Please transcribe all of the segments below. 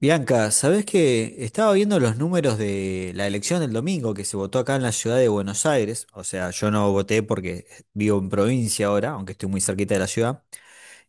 Bianca, ¿sabés que Estaba viendo los números de la elección del domingo que se votó acá en la ciudad de Buenos Aires? O sea, yo no voté porque vivo en provincia ahora, aunque estoy muy cerquita de la ciudad.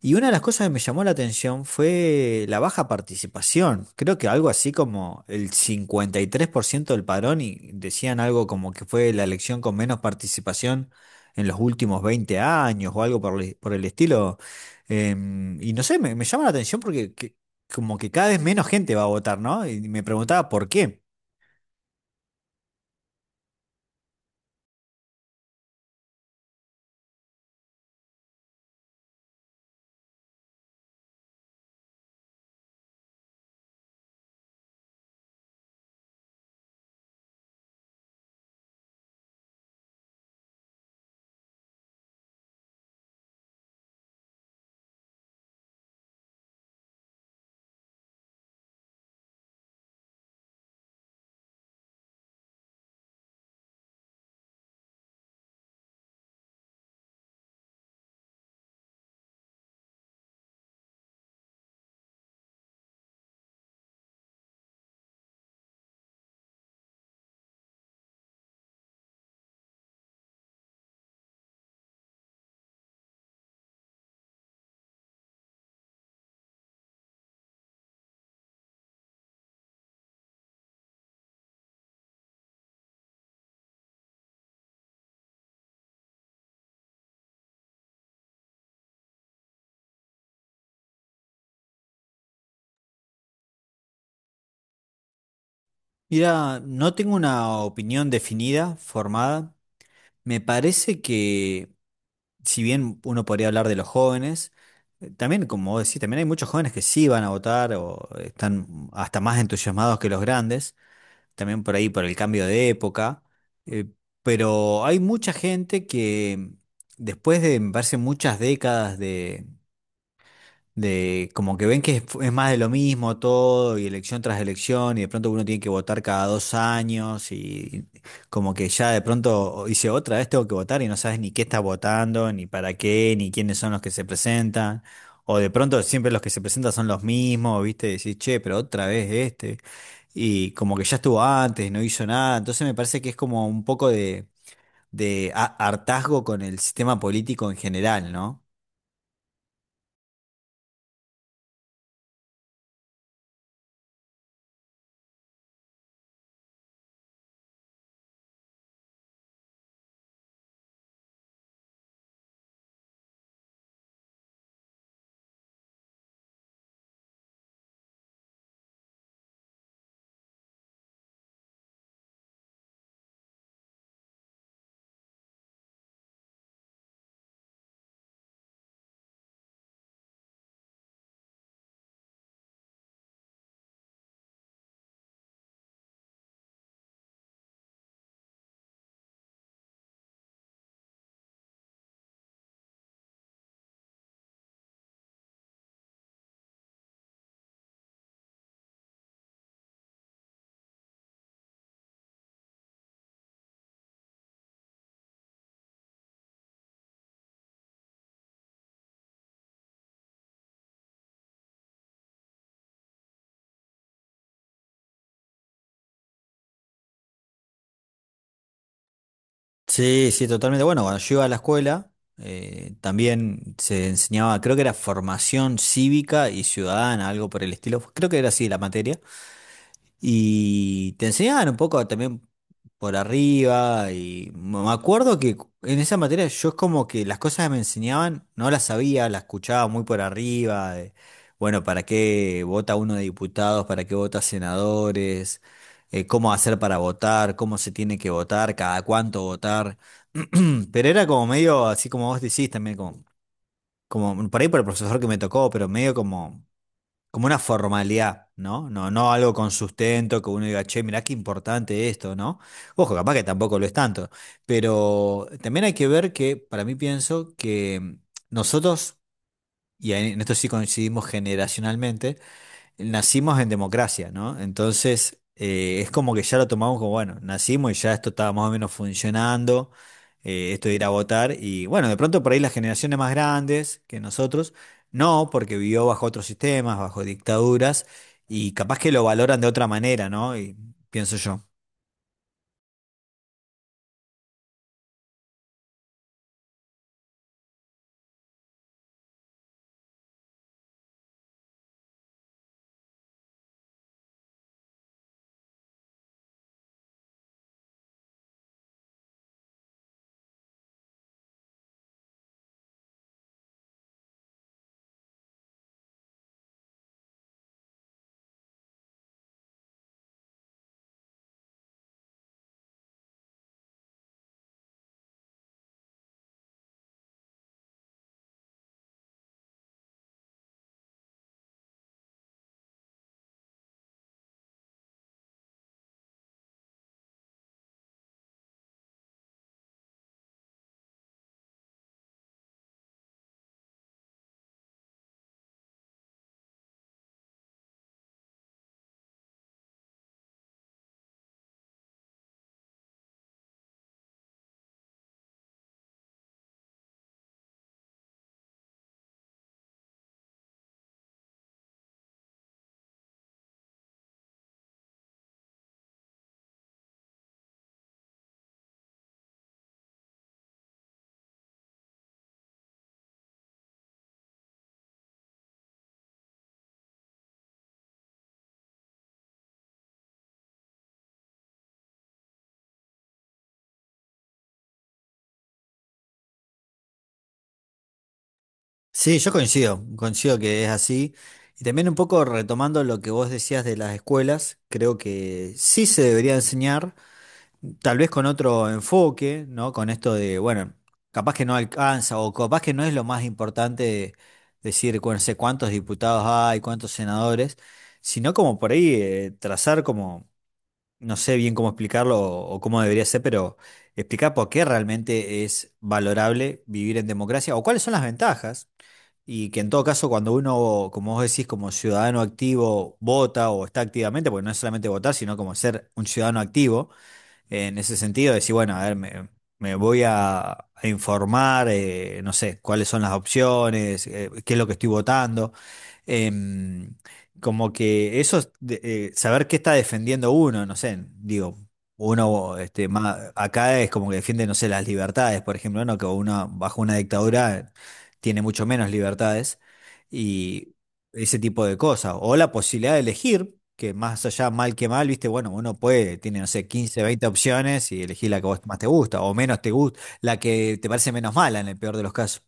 Y una de las cosas que me llamó la atención fue la baja participación. Creo que algo así como el 53% del padrón, y decían algo como que fue la elección con menos participación en los últimos 20 años o algo por el estilo. Y no sé, me llama la atención como que cada vez menos gente va a votar, ¿no? Y me preguntaba por qué. Mira, no tengo una opinión definida, formada. Me parece que si bien uno podría hablar de los jóvenes, también, como vos decís, también hay muchos jóvenes que sí van a votar o están hasta más entusiasmados que los grandes, también por ahí por el cambio de época, eh, pero hay mucha gente que después de, me parece, muchas décadas de como que ven que es más de lo mismo todo y elección tras elección, y de pronto uno tiene que votar cada 2 años y como que ya de pronto dice otra vez tengo que votar y no sabes ni qué estás votando, ni para qué, ni quiénes son los que se presentan. O de pronto siempre los que se presentan son los mismos, ¿viste? Decís, che, pero otra vez este. Y como que ya estuvo antes, no hizo nada. Entonces me parece que es como un poco hartazgo con el sistema político en general, ¿no? Sí, sí, totalmente. Bueno, cuando yo iba a la escuela, también se enseñaba, creo que era formación cívica y ciudadana, algo por el estilo. Creo que era así la materia. Y te enseñaban un poco también por arriba, y me acuerdo que en esa materia yo es como que las cosas que me enseñaban no las sabía, las escuchaba muy por arriba. De bueno, ¿para qué vota uno de diputados? ¿Para qué vota senadores? ¿Cómo hacer para votar? ¿Cómo se tiene que votar? ¿Cada cuánto votar? Pero era como medio, así como vos decís también, como, como por ahí por el profesor que me tocó, pero medio como como una formalidad, ¿no? No, no algo con sustento, que uno diga, che, mirá qué importante esto, ¿no? Ojo, capaz que tampoco lo es tanto, pero también hay que ver que, para mí pienso que nosotros, y en esto sí coincidimos generacionalmente, nacimos en democracia, ¿no? Entonces, es como que ya lo tomamos como, bueno, nacimos y ya esto estaba más o menos funcionando, esto de ir a votar, y bueno, de pronto por ahí las generaciones más grandes que nosotros, no, porque vivió bajo otros sistemas, bajo dictaduras, y capaz que lo valoran de otra manera, ¿no? Y pienso yo. Sí, yo coincido, coincido que es así. Y también un poco retomando lo que vos decías de las escuelas, creo que sí se debería enseñar, tal vez con otro enfoque, ¿no? Con esto de, bueno, capaz que no alcanza o capaz que no es lo más importante decir, no sé cuántos diputados hay, cuántos senadores, sino como por ahí trazar como, no sé bien cómo explicarlo o cómo debería ser, pero explicar por qué realmente es valorable vivir en democracia o cuáles son las ventajas. Y que en todo caso, cuando uno, como vos decís, como ciudadano activo, vota o está activamente, porque no es solamente votar, sino como ser un ciudadano activo, en ese sentido, decir, bueno, a ver, me voy a informar, no sé, cuáles son las opciones, qué es lo que estoy votando. Em, Como que eso, es saber qué está defendiendo uno, no sé, digo, uno este, acá es como que defiende, no sé, las libertades, por ejemplo, ¿no? Que uno bajo una dictadura tiene mucho menos libertades y ese tipo de cosas. O la posibilidad de elegir, que más allá mal que mal, viste, bueno, uno puede, tiene, no sé, 15 20 opciones, y elegir la que vos más te gusta o menos te gusta, la que te parece menos mala en el peor de los casos.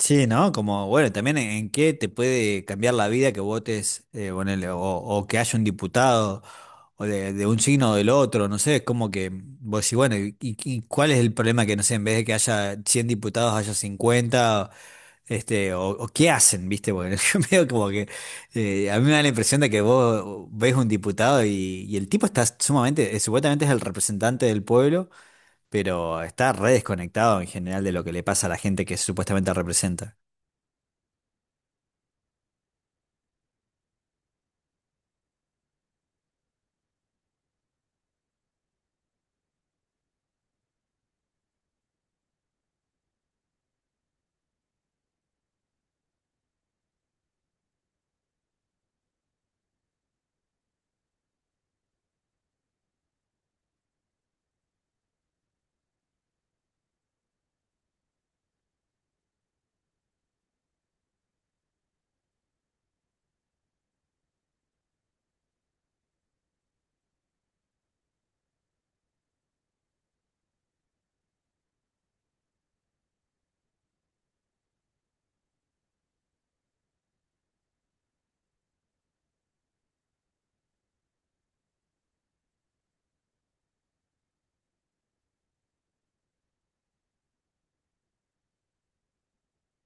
Sí, ¿no? Como, bueno, también en qué te puede cambiar la vida que votes, ponele, o que haya un diputado, o de un signo o del otro, no sé, es como que vos decís, bueno, ¿y, y cuál es el problema que, no sé, en vez de que haya 100 diputados, haya 50, este, o qué hacen, viste? Bueno, yo medio como que, a mí me da la impresión de que vos ves un diputado y el tipo está sumamente, supuestamente es el representante del pueblo, pero está re desconectado en general de lo que le pasa a la gente que supuestamente representa.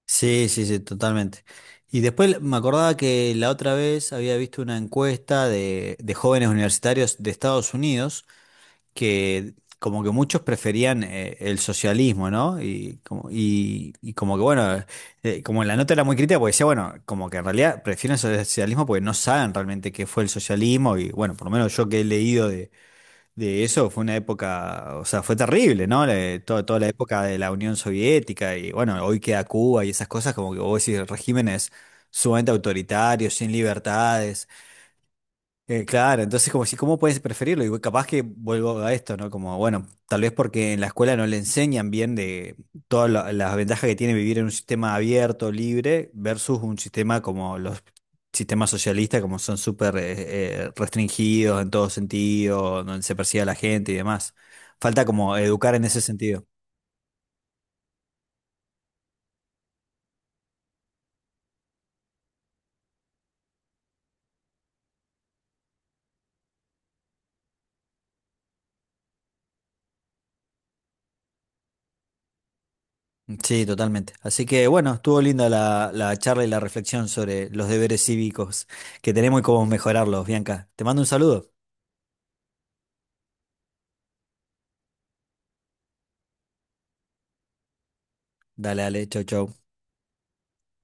Sí, sí, sí, totalmente. Y después me acordaba que la otra vez había visto una encuesta de jóvenes universitarios de Estados Unidos, que como que muchos preferían el socialismo, ¿no? Y como que bueno, como la nota era muy crítica, porque decía, bueno, como que en realidad prefieren el socialismo porque no saben realmente qué fue el socialismo, y bueno, por lo menos yo que he leído de eso, fue una época, o sea, fue terrible, ¿no? Toda la época de la Unión Soviética, y bueno, hoy queda Cuba y esas cosas como que vos decís, regímenes sumamente autoritarios, sin libertades. Claro, entonces como si, ¿cómo puedes preferirlo? Y capaz que vuelvo a esto, ¿no? Como, bueno, tal vez porque en la escuela no le enseñan bien de todas las ventajas que tiene vivir en un sistema abierto, libre, versus un sistema como los sistemas socialistas, como son súper restringidos en todo sentido, donde se persigue a la gente y demás. Falta como educar en ese sentido. Sí, totalmente. Así que bueno, estuvo linda la, la charla y la reflexión sobre los deberes cívicos que tenemos y cómo mejorarlos, Bianca. Te mando un saludo. Dale, dale, chau, chau.